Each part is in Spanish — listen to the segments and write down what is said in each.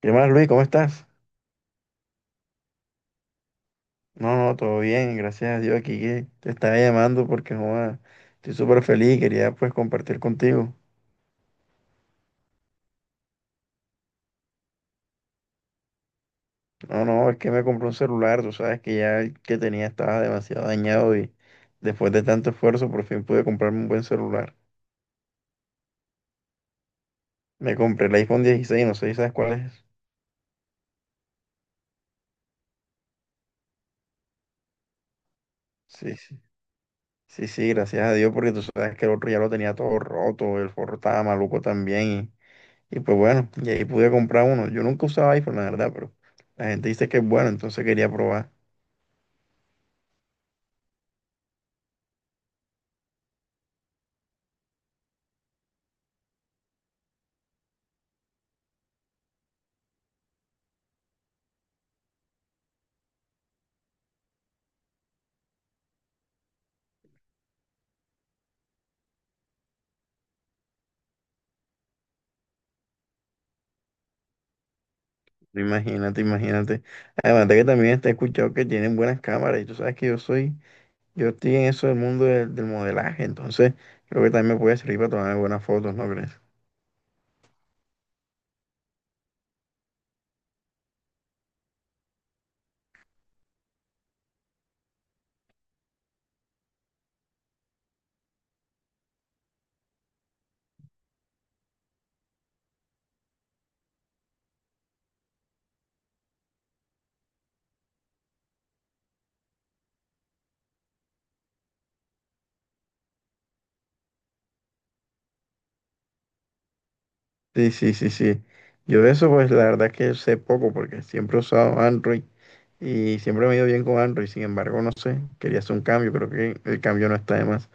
¿Qué más, Luis? ¿Cómo estás? No, no, todo bien, gracias a Dios aquí que te estaba llamando porque joda, estoy súper feliz, quería pues compartir contigo. No, no, es que me compré un celular, tú sabes que ya el que tenía estaba demasiado dañado y después de tanto esfuerzo por fin pude comprarme un buen celular. Me compré el iPhone 16, no sé si sabes cuál es. Sí, sí, sí, sí, gracias a Dios porque tú sabes que el otro ya lo tenía todo roto, el forro estaba maluco también. Y pues bueno, y ahí pude comprar uno. Yo nunca usaba iPhone, la verdad, pero la gente dice que es bueno, entonces quería probar. Imagínate, imagínate. Además de que también te he escuchado que tienen buenas cámaras y tú sabes que yo soy, yo estoy en eso del mundo del modelaje, entonces creo que también me puede servir para tomar buenas fotos, ¿no crees? Sí, sí, sí, sí. Yo de eso, pues la verdad es que sé poco porque siempre he usado Android y siempre me he ido bien con Android. Sin embargo, no sé, quería hacer un cambio, creo que el cambio no está de más.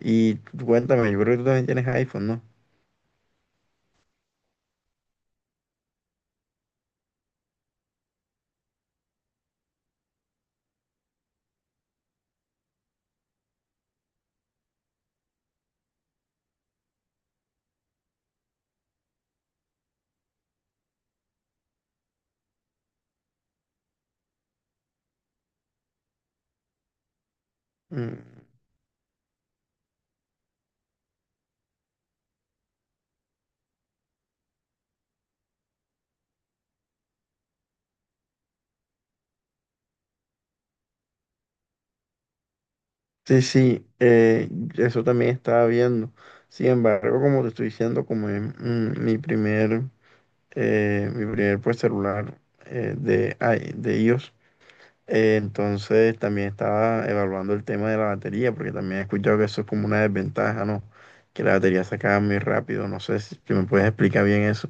Y tú cuéntame, yo creo que tú también tienes iPhone, ¿no? Mm. Sí, sí, eso también estaba viendo. Sin embargo, como te estoy diciendo, como es mi primer pues, celular de iOS, entonces también estaba evaluando el tema de la batería, porque también he escuchado que eso es como una desventaja, ¿no? Que la batería se acaba muy rápido. No sé si me puedes explicar bien eso.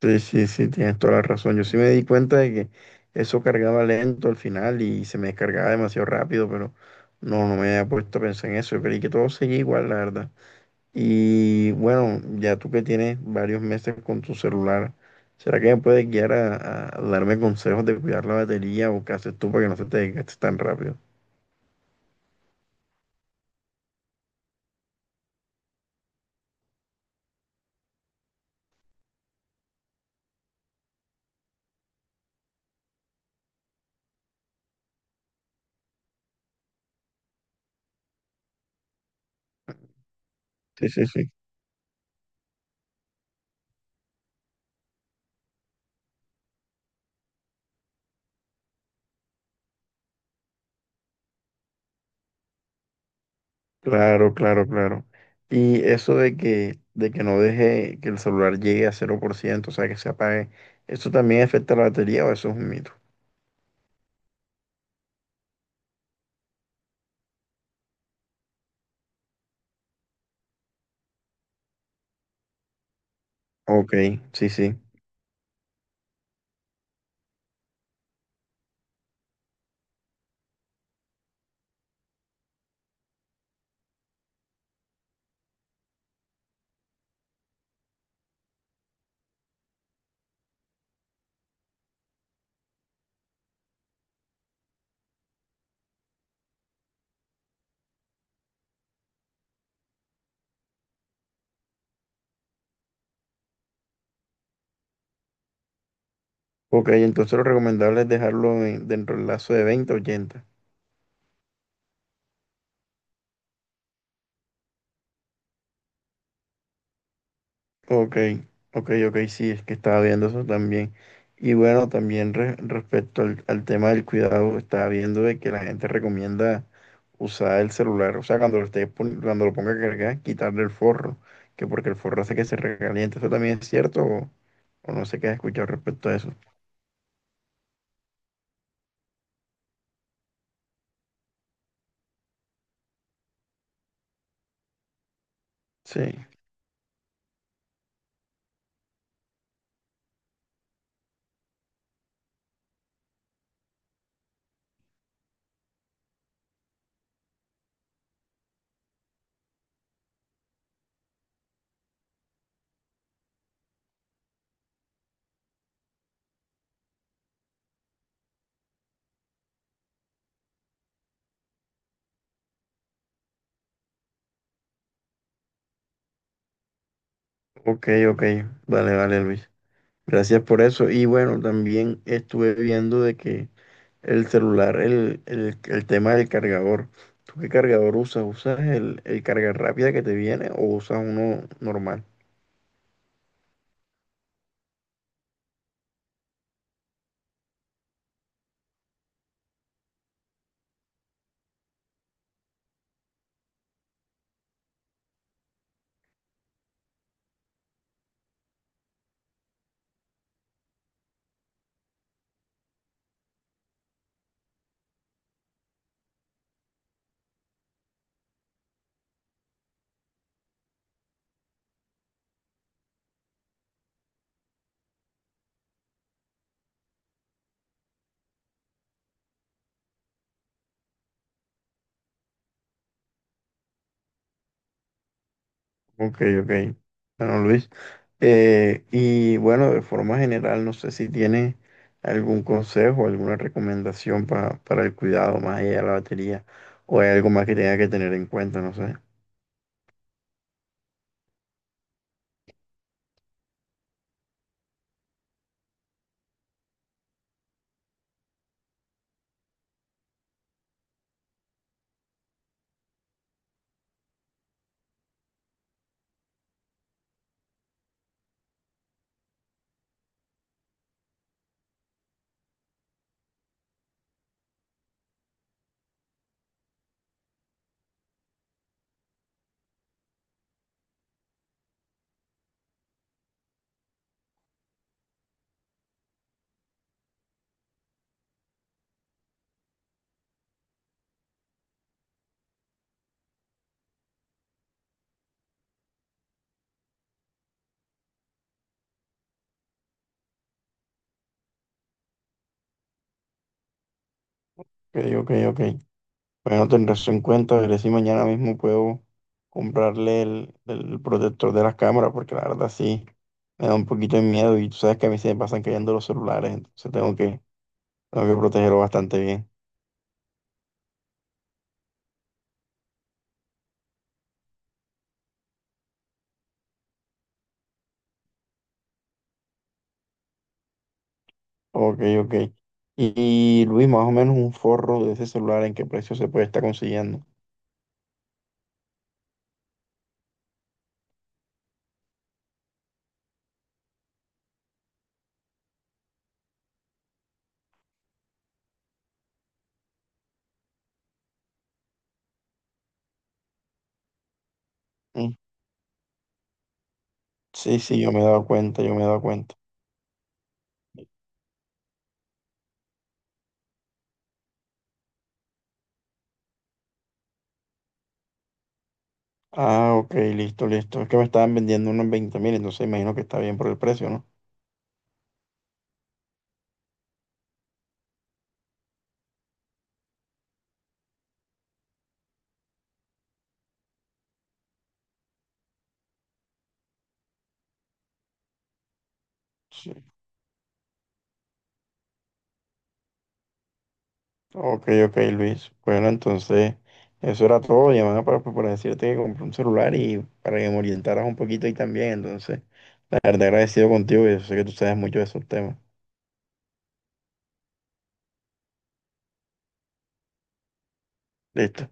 Sí, sí, sí, tienes toda la razón. Yo sí me di cuenta de que eso cargaba lento al final y se me descargaba demasiado rápido, pero no, no me había puesto a pensar en eso. Yo creí que todo seguía igual, la verdad. Y bueno, ya tú que tienes varios meses con tu celular, ¿será que me puedes guiar a darme consejos de cuidar la batería o qué haces tú para que no se te desgaste tan rápido? Sí, sí, sí. Claro, claro, claro. Y eso de que no deje que el celular llegue a cero por ciento, o sea, que se apague, ¿eso también afecta la batería o eso es un mito? Ok, sí, sí. Ok, entonces lo recomendable es dejarlo dentro del lazo de 20 a 80. Ok, ok, ok, sí, es que estaba viendo eso también. Y bueno, también respecto al, al tema del cuidado, estaba viendo de que la gente recomienda usar el celular, o sea, cuando lo ponga a cargar, quitarle el forro, que porque el forro hace que se recaliente. ¿Eso también es cierto o no sé qué has escuchado respecto a eso? Sí, ok, ok, vale, vale, Luis. Gracias por eso. Y bueno, también estuve viendo de que el celular, el tema del cargador. ¿Tú qué cargador usas? ¿Usas el carga rápida que te viene o usas uno normal? Ok, ok. Bueno, Luis. Y bueno, de forma general, no sé si tienes algún consejo, alguna recomendación para el cuidado más allá de la batería o hay algo más que tenga que tener en cuenta, no sé. Ok, ok, ok. Bueno, tendré eso en cuenta, veré si mañana mismo puedo comprarle el protector de las cámaras, porque la verdad sí me da un poquito de miedo y tú sabes que a mí se me pasan cayendo los celulares, entonces tengo que protegerlo bastante bien. Ok, ok. Y, y, Luis, más o menos un forro de ese celular, ¿en qué precio se puede estar consiguiendo? Mm. Sí, sí, yo me he dado cuenta, yo me he dado cuenta. Ah, ok, listo, listo. Es que me estaban vendiendo unos 20.000, entonces imagino que está bien por el precio, ¿no? Sí. Ok, ok, Luis. Bueno, entonces, eso era todo. Llamaba para, pues, para decirte que compré un celular y para que me orientaras un poquito ahí también. Entonces, la verdad agradecido contigo y yo sé que tú sabes mucho de esos temas. Listo.